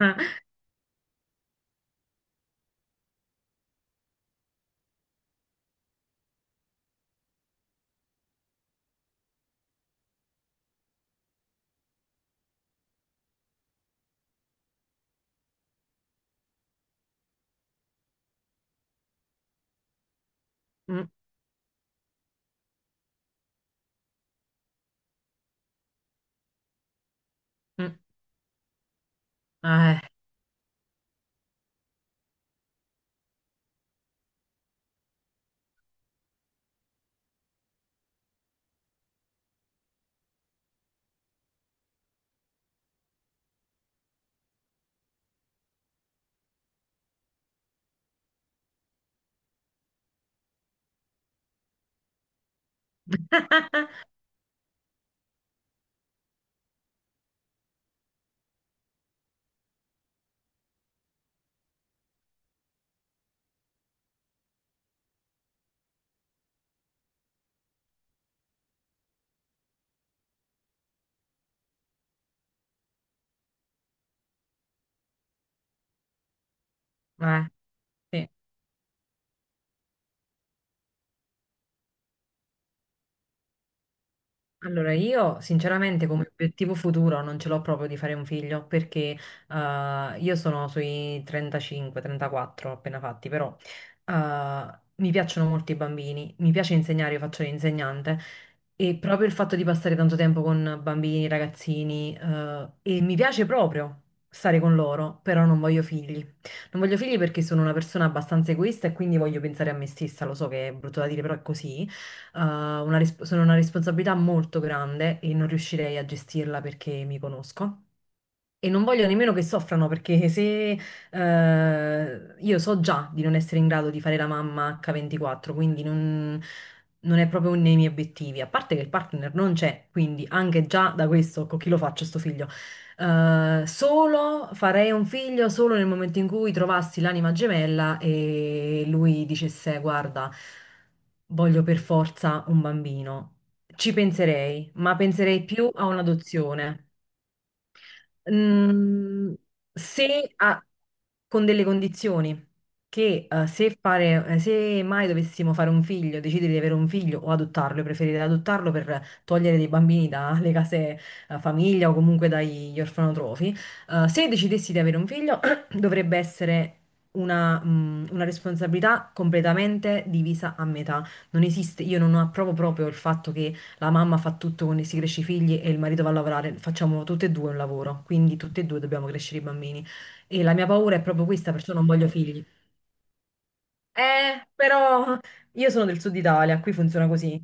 Ah, mm, mm, eh. Eh, sì. Allora, io sinceramente come obiettivo futuro non ce l'ho proprio di fare un figlio perché io sono sui 35-34 appena fatti, però mi piacciono molto i bambini, mi piace insegnare, io faccio l'insegnante e proprio il fatto di passare tanto tempo con bambini, ragazzini e mi piace proprio stare con loro, però non voglio figli. Non voglio figli perché sono una persona abbastanza egoista e quindi voglio pensare a me stessa, lo so che è brutto da dire, però è così eh, sono una responsabilità molto grande e non riuscirei a gestirla perché mi conosco. E non voglio nemmeno che soffrano perché se io so già di non essere in grado di fare la mamma H24, quindi non è proprio uno dei miei obiettivi. A parte che il partner non c'è, quindi anche già da questo, con chi lo faccio sto figlio? Solo farei un figlio solo nel momento in cui trovassi l'anima gemella e lui dicesse: Guarda, voglio per forza un bambino. Ci penserei, ma penserei più a un'adozione. Mm, se a- con delle condizioni che se fare, se mai dovessimo fare un figlio, decidere di avere un figlio o adottarlo, io preferirei adottarlo per togliere dei bambini dalle case famiglia o comunque dagli orfanotrofi. Se decidessi di avere un figlio, dovrebbe essere una responsabilità completamente divisa a metà. Non esiste, io non approvo proprio il fatto che la mamma fa tutto con si cresce i figli e il marito va a lavorare, facciamo tutte e due un lavoro, quindi tutte e due dobbiamo crescere i bambini. E la mia paura è proprio questa, perciò non voglio figli. Però io sono del Sud Italia, qui funziona così.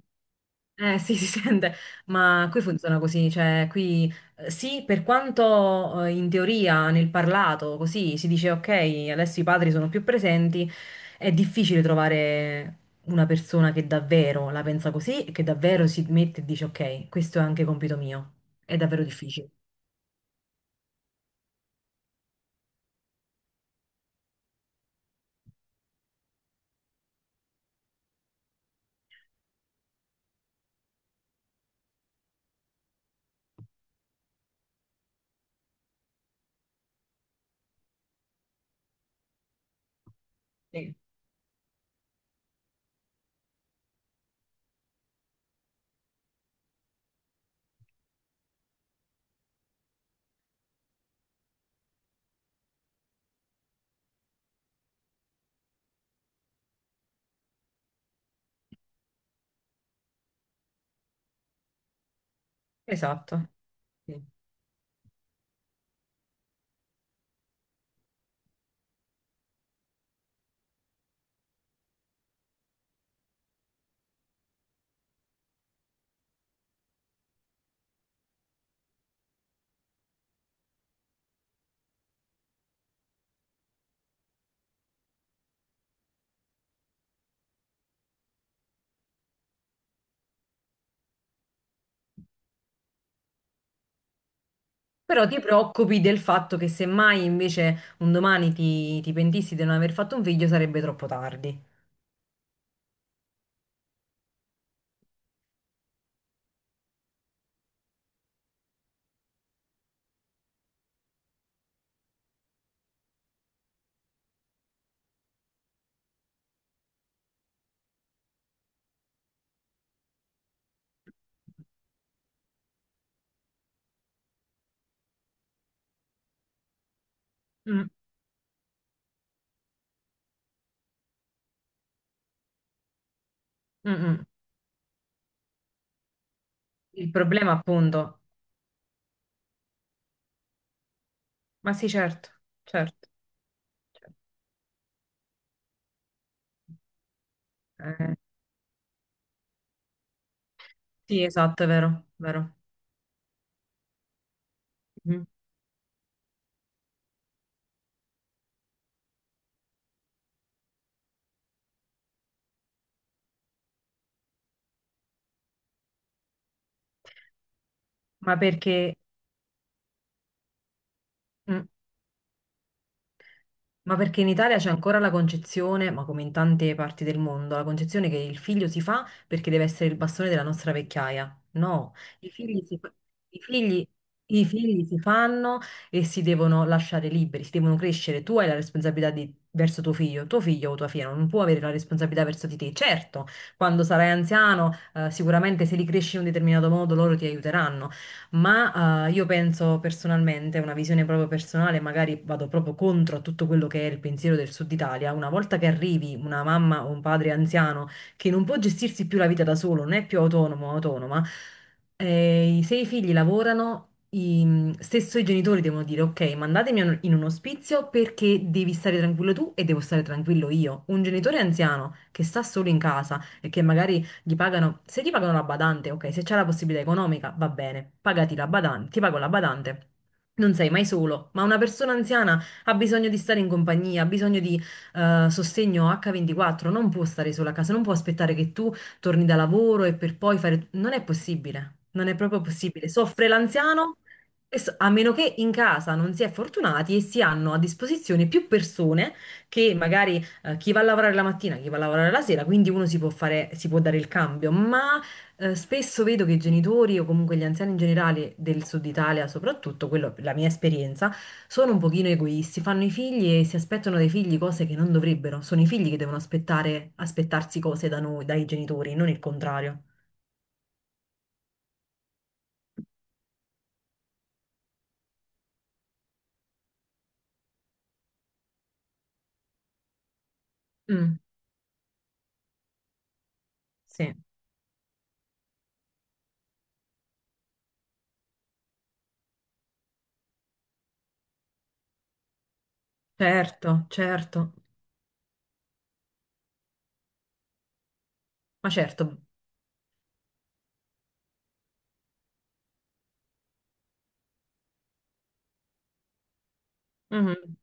Eh sì, si sente, ma qui funziona così, cioè qui sì, per quanto in teoria nel parlato così si dice ok, adesso i padri sono più presenti, è difficile trovare una persona che davvero la pensa così e che davvero si mette e dice ok, questo è anche compito mio. È davvero difficile. Sì. Esatto. Sì. Però ti preoccupi del fatto che semmai invece un domani ti pentissi di non aver fatto un figlio sarebbe troppo tardi. Mm, mm, mm. Il problema appunto, ma sì, certo, certo, certo. Eh, sì, esatto, è vero, vero. Mhm. Ma perché... mm. Ma perché in Italia c'è ancora la concezione, ma come in tante parti del mondo, la concezione che il figlio si fa perché deve essere il bastone della nostra vecchiaia. No, i figli si, fa- i figli, i figli si fanno e si devono lasciare liberi, si devono crescere. Tu hai la responsabilità verso tuo figlio o tua figlia non può avere la responsabilità verso di te. Certo, quando sarai anziano, sicuramente se li cresci in un determinato modo loro ti aiuteranno, ma io penso personalmente, una visione proprio personale, magari vado proprio contro a tutto quello che è il pensiero del Sud Italia. Una volta che arrivi una mamma o un padre anziano che non può gestirsi più la vita da solo, non è più autonomo o autonoma, se i figli lavorano, stesso i genitori devono dire: Ok, mandatemi in un ospizio perché devi stare tranquillo tu e devo stare tranquillo io. Un genitore anziano che sta solo in casa e che magari gli pagano, se ti pagano la badante, ok, se c'è la possibilità economica, va bene, pagati la badante, ti pago la badante. Non sei mai solo, ma una persona anziana ha bisogno di stare in compagnia, ha bisogno di sostegno H24, non può stare sola a casa, non può aspettare che tu torni da lavoro e per poi fare... Non è possibile, non è proprio possibile. Soffre l'anziano, a meno che in casa non si è fortunati e si hanno a disposizione più persone che magari chi va a lavorare la mattina, chi va a lavorare la sera, quindi uno si può fare, si può dare il cambio, ma spesso vedo che i genitori o comunque gli anziani in generale del Sud Italia, soprattutto, quello, la mia esperienza, sono un pochino egoisti, fanno i figli e si aspettano dai figli cose che non dovrebbero, sono i figli che devono aspettare, aspettarsi cose da noi, dai genitori, non il contrario. Mm, sì, certo, certo, ma certo. Mhm,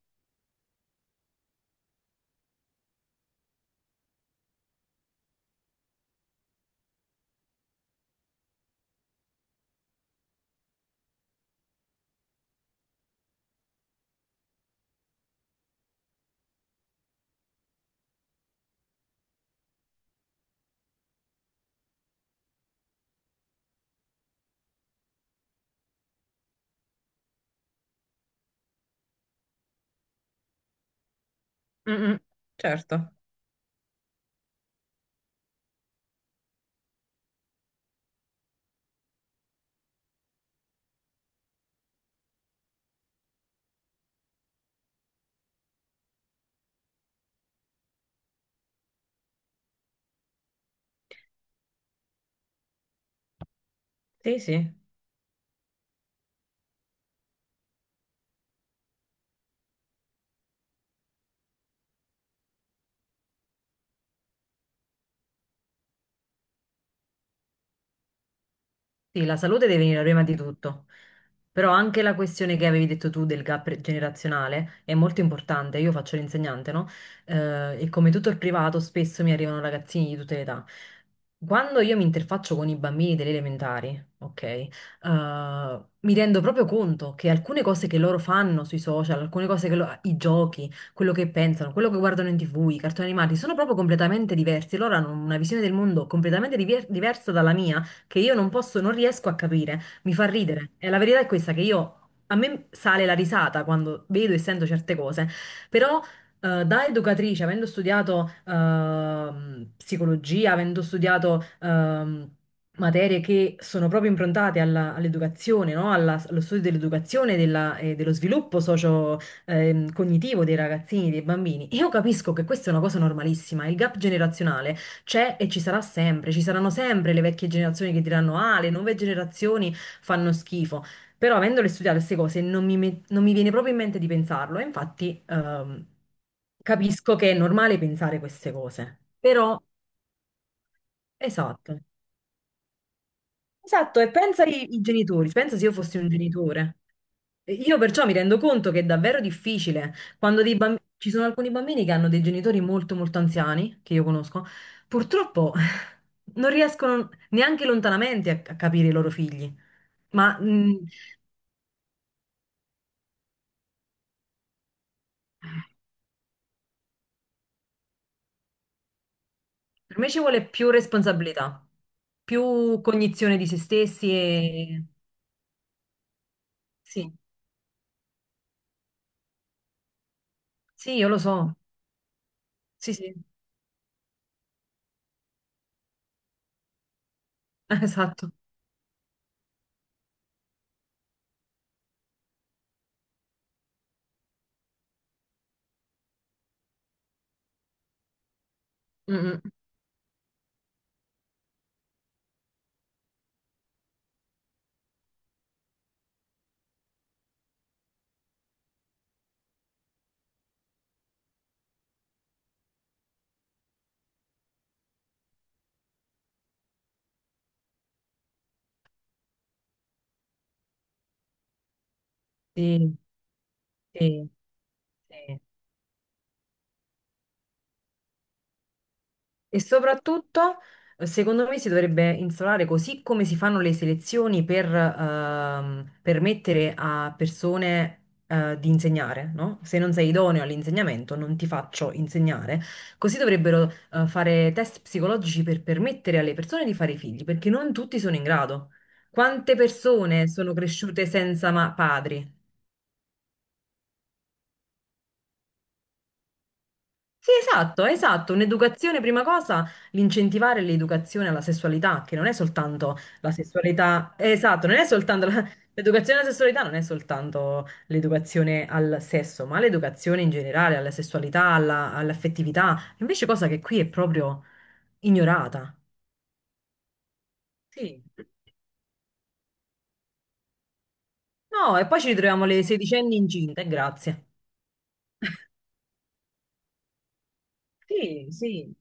mm, mm, certo, sì, sì. Sì, la salute deve venire prima di tutto, però anche la questione che avevi detto tu del gap generazionale è molto importante. Io faccio l'insegnante, no? E come tutto il privato, spesso mi arrivano ragazzini di tutte le età. Quando io mi interfaccio con i bambini delle elementari, ok, mi rendo proprio conto che alcune cose che loro fanno sui social, alcune cose che i giochi, quello che pensano, quello che guardano in TV, i cartoni animati, sono proprio completamente diversi. Loro hanno una visione del mondo completamente diversa dalla mia che io non posso, non riesco a capire, mi fa ridere. E la verità è questa, che io, a me sale la risata quando vedo e sento certe cose, però da educatrice, avendo studiato psicologia, avendo studiato materie che sono proprio improntate all'educazione, no? Allo studio dell'educazione e dello sviluppo socio, cognitivo dei ragazzini, dei bambini. Io capisco che questa è una cosa normalissima, il gap generazionale c'è e ci sarà sempre, ci saranno sempre le vecchie generazioni che diranno: Ah, le nuove generazioni fanno schifo. Però, avendole studiate queste cose, non mi viene proprio in mente di pensarlo. E infatti, capisco che è normale pensare queste cose. Però, esatto. Esatto, e pensa ai genitori, pensa se io fossi un genitore. Io perciò mi rendo conto che è davvero difficile quando ci sono alcuni bambini che hanno dei genitori molto molto anziani, che io conosco, purtroppo non riescono neanche lontanamente a capire i loro figli. Ma per me ci vuole più responsabilità, più cognizione di se stessi e... Sì, sì, io lo so. Sì, sì, esatto. Mm, mm. Sì, sì, sì. E soprattutto, secondo me, si dovrebbe instaurare così come si fanno le selezioni per permettere a persone di insegnare, no? Se non sei idoneo all'insegnamento, non ti faccio insegnare. Così dovrebbero fare test psicologici per permettere alle persone di fare figli, perché non tutti sono in grado. Quante persone sono cresciute senza padri? Sì, esatto, esatto. Un'educazione, prima cosa, l'incentivare l'educazione alla sessualità, che non è soltanto la sessualità, esatto, non è soltanto l'educazione alla sessualità, non è soltanto l'educazione al sesso, ma l'educazione in generale, alla sessualità, all'affettività. Invece cosa che qui è proprio ignorata. Sì. No, e poi ci ritroviamo le sedicenni incinte, grazie. Sì, sì.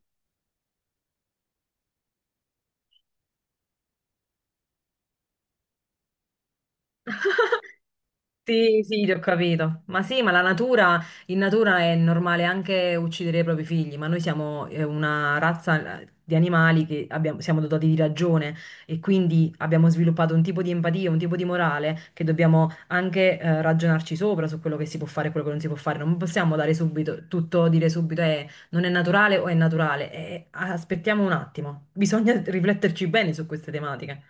Sì, sì, ti ho capito. Ma sì, ma la natura, in natura è normale anche uccidere i propri figli, ma noi siamo una razza di animali che siamo dotati di ragione e quindi abbiamo sviluppato un tipo di empatia, un tipo di morale che dobbiamo anche ragionarci sopra su quello che si può fare e quello che non si può fare. Non possiamo dare subito, tutto, dire subito non è naturale o è naturale. Aspettiamo un attimo, bisogna rifletterci bene su queste tematiche.